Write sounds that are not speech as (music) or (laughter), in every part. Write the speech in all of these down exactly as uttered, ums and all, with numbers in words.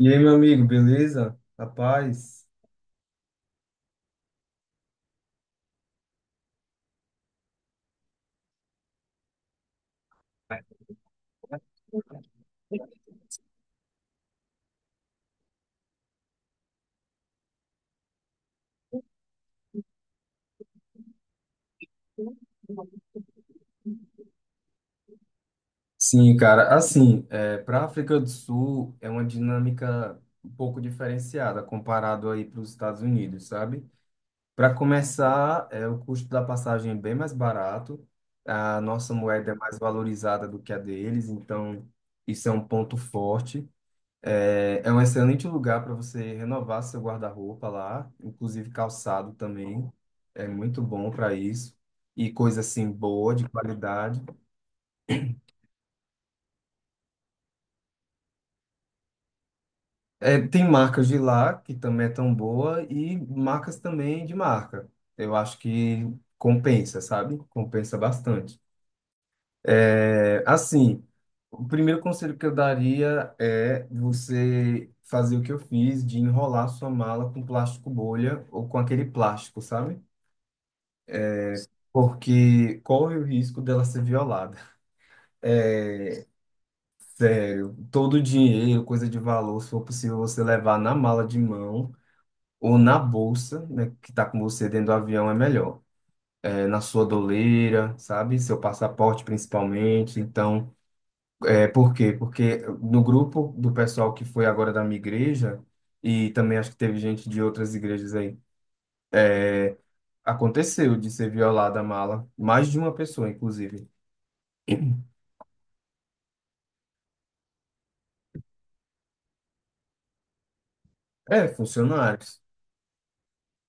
E aí, meu amigo, beleza? Rapaz? Sim, cara. Assim, é, para a África do Sul é uma dinâmica um pouco diferenciada comparado aí para os Estados Unidos, sabe? Para começar, é, o custo da passagem é bem mais barato, a nossa moeda é mais valorizada do que a deles, então isso é um ponto forte. É, é um excelente lugar para você renovar seu guarda-roupa lá, inclusive calçado também, é muito bom para isso. E coisa assim boa, de qualidade. É, tem marcas de lá que também é tão boa e marcas também de marca. Eu acho que compensa, sabe? Compensa bastante. É, assim, o primeiro conselho que eu daria é você fazer o que eu fiz de enrolar sua mala com plástico bolha ou com aquele plástico, sabe? Porque corre o risco dela ser violada. Todo o dinheiro, coisa de valor, se for possível você levar na mala de mão ou na bolsa, né, que está com você dentro do avião, é melhor. É, na sua doleira, sabe? Seu passaporte principalmente. Então, é por quê? Porque no grupo do pessoal que foi agora da minha igreja, e também acho que teve gente de outras igrejas aí, aconteceu de ser violada a mala, mais de uma pessoa, inclusive. É, funcionários.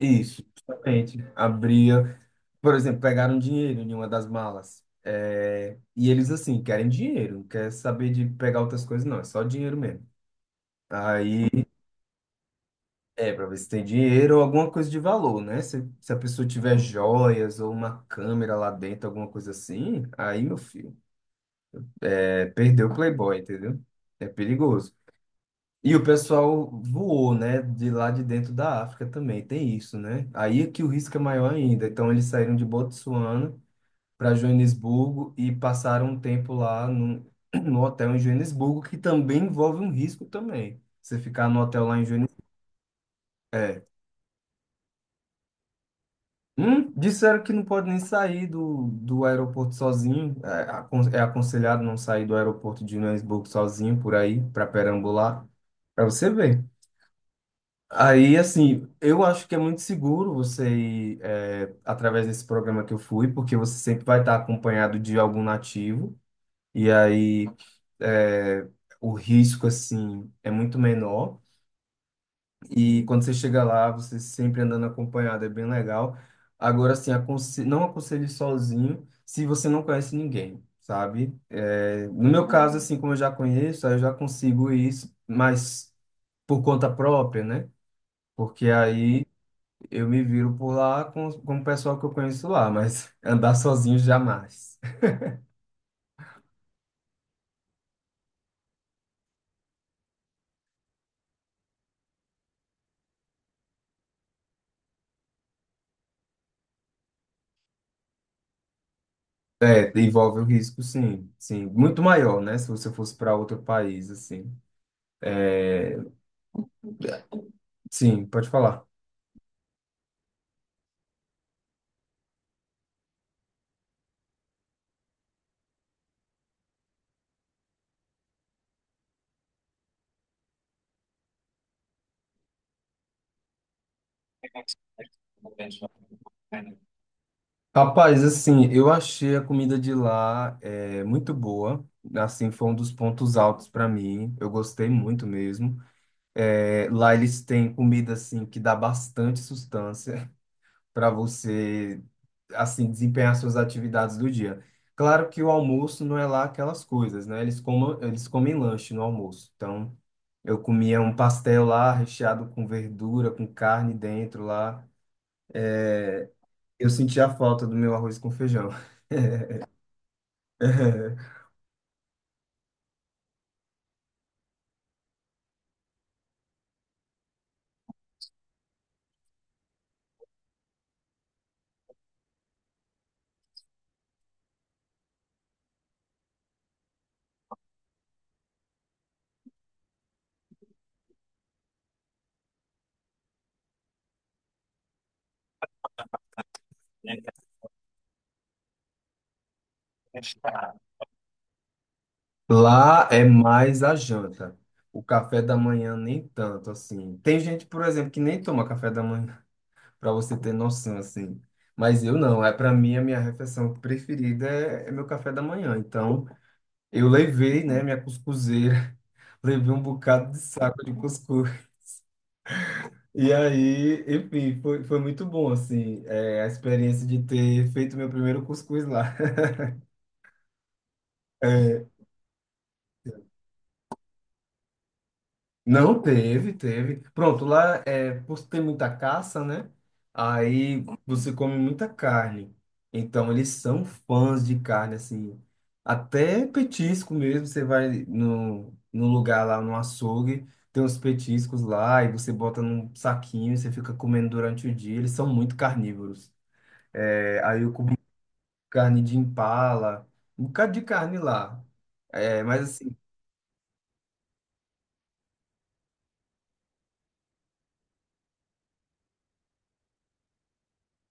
Isso, justamente. Abria, por exemplo, pegaram dinheiro em uma das malas. É, e eles, assim, querem dinheiro, não quer saber de pegar outras coisas, não, é só dinheiro mesmo. Aí. É, para ver se tem dinheiro ou alguma coisa de valor, né? Se, se a pessoa tiver joias ou uma câmera lá dentro, alguma coisa assim, aí, meu filho, é, perdeu o Playboy, entendeu? É perigoso. E o pessoal voou, né? De lá de dentro da África também, tem isso, né? Aí é que o risco é maior ainda. Então, eles saíram de Botsuana para Joanesburgo e passaram um tempo lá no, (clears throat) no hotel em Joanesburgo, que também envolve um risco também. Você ficar no hotel lá em Joanesburgo. Hum, disseram que não pode nem sair do, do aeroporto sozinho. É, acon- é aconselhado não sair do aeroporto de Joanesburgo sozinho por aí, para perambular, para você ver. Aí, assim, eu acho que é muito seguro você ir é, através desse programa que eu fui, porque você sempre vai estar acompanhado de algum nativo, e aí é, o risco, assim, é muito menor. E quando você chega lá, você sempre andando acompanhado, é bem legal. Agora, assim, aconse- não aconselho sozinho se você não conhece ninguém, sabe? É, no meu caso, assim, como eu já conheço, aí eu já consigo isso, mas por conta própria, né? Porque aí eu me viro por lá com, com o pessoal que eu conheço lá, mas (laughs) andar sozinho jamais. É, envolve o risco, sim, sim. Muito maior, né? Se você fosse para outro país, assim. Sim, pode falar. Rapaz, assim, eu achei a comida de lá é, muito boa. Assim, foi um dos pontos altos para mim. Eu gostei muito mesmo. É, lá eles têm comida assim que dá bastante sustância (laughs) para você assim desempenhar suas atividades do dia. Claro que o almoço não é lá aquelas coisas, né? Eles comam, eles comem lanche no almoço. Então, eu comia um pastel lá recheado com verdura, com carne dentro lá. Eu sentia a falta do meu arroz com feijão. (laughs) Lá é mais a janta. O café da manhã nem tanto assim. Tem gente, por exemplo, que nem toma café da manhã, (laughs) para você ter noção assim. Mas eu não, é para mim a minha refeição preferida é, é meu café da manhã. Então, eu levei, né, minha cuscuzeira, (laughs) levei um bocado de saco de cuscuz. E aí, enfim, foi, foi muito bom assim, é, a experiência de ter feito meu primeiro cuscuz lá. (laughs) É. Não teve, teve. Pronto, lá é por ter muita caça, né? Aí você come muita carne. Então eles são fãs de carne, assim. Até petisco mesmo. Você vai no, no lugar lá, no açougue, tem uns petiscos lá e você bota num saquinho e você fica comendo durante o dia. Eles são muito carnívoros. É, aí eu comi carne de impala, um bocado de carne lá. É, mas assim.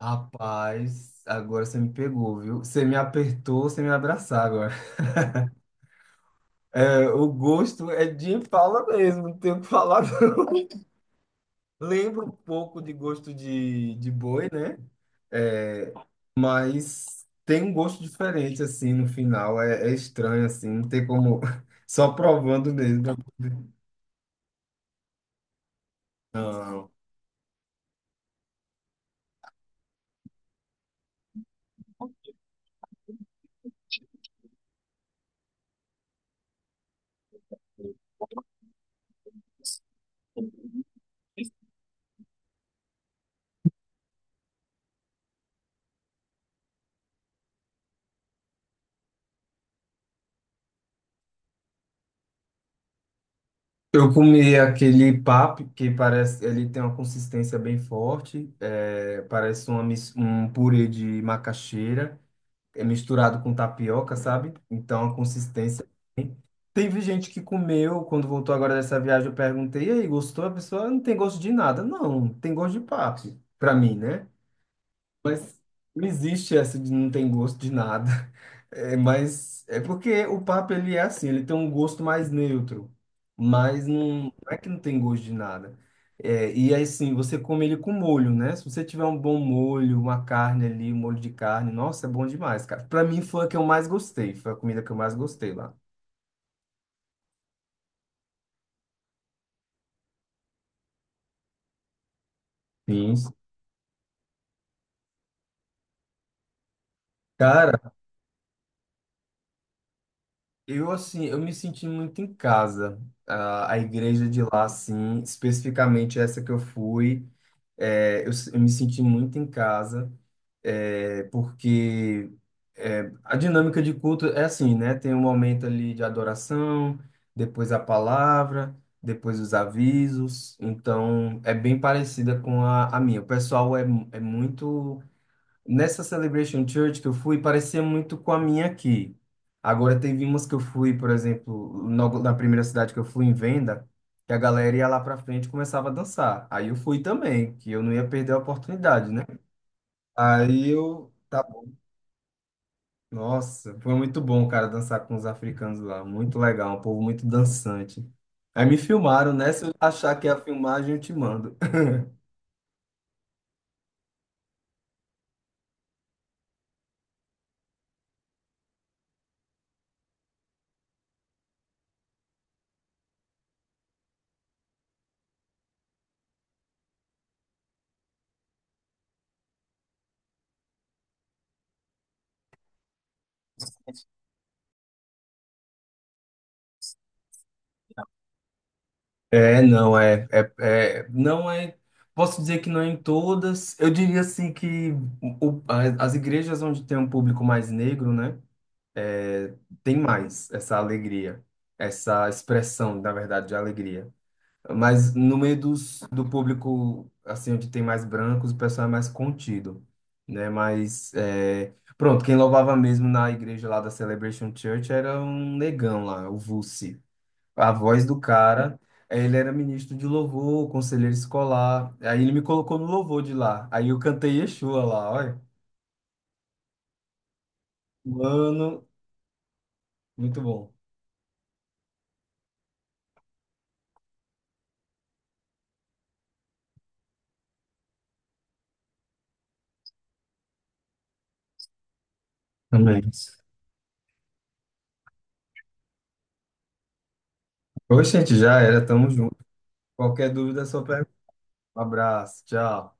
Rapaz, agora você me pegou, viu? Você me apertou, você me abraçar agora. (laughs) É, o gosto é de fala mesmo, não tenho o que falar, não. (laughs) Lembro um pouco de gosto de, de boi, né? É, mas tem um gosto diferente, assim, no final. É, é estranho, assim, não tem como. (laughs) Só provando mesmo. Não. Eu comi aquele papo que parece, ele tem uma consistência bem forte, é, parece uma, mis- um purê de macaxeira. É misturado com tapioca, sabe? Então a consistência. Teve gente que comeu quando voltou agora dessa viagem. Eu perguntei, e aí, gostou? A pessoa não tem gosto de nada. Não, tem gosto de papo, pra mim, né? Não existe essa de não tem gosto de nada. (laughs) É, mas é porque o papo ele é assim, ele tem um gosto mais neutro, mas não, não é que não tem gosto de nada. É, e aí sim, você come ele com molho, né? Se você tiver um bom molho, uma carne ali, um molho de carne, nossa, é bom demais, cara. Pra mim foi a que eu mais gostei, foi a comida que eu mais gostei lá. Sim. Cara, eu, assim, eu me senti muito em casa. Ah, a igreja de lá, assim, especificamente essa que eu fui, eh, eu, s- eu me senti muito em casa, eh, porque eh, a dinâmica de culto é assim, né? Tem um momento ali de adoração, depois a palavra, depois os avisos. Então, é bem parecida com a, a minha. O pessoal é, mu- é muito. Nessa Celebration Church que eu fui, parecia muito com a minha aqui. Agora, teve umas que eu fui, por exemplo, no- na primeira cidade que eu fui, em Venda, que a galera ia lá pra frente e começava a dançar. Aí eu fui também, que eu não ia perder a oportunidade, né? Aí eu. Tá. Nossa, foi muito bom, cara, dançar com os africanos lá. Muito legal, um povo muito dançante. Aí me filmaram, né? Se eu achar que é a filmagem, eu te mando. É, não, é, é, é- não é, posso dizer que não é em todas, eu diria assim que o- o- a- as igrejas onde tem um público mais negro, né, é, tem mais essa alegria, essa expressão, na verdade, de alegria, mas no meio dos, do, público, assim, onde tem mais brancos, o pessoal é mais contido, né, mas, é, pronto, quem louvava mesmo na igreja lá da Celebration Church era um negão lá, o Vuce, a voz do cara, eh, ele era ministro de louvor, conselheiro escolar. Aí ele me colocou no louvor de lá. Aí eu cantei Yeshua lá, olha. Mano, muito bom. Também. Oxente, já era, tamo junto. Qualquer dúvida é só pergunta. Um abraço, tchau.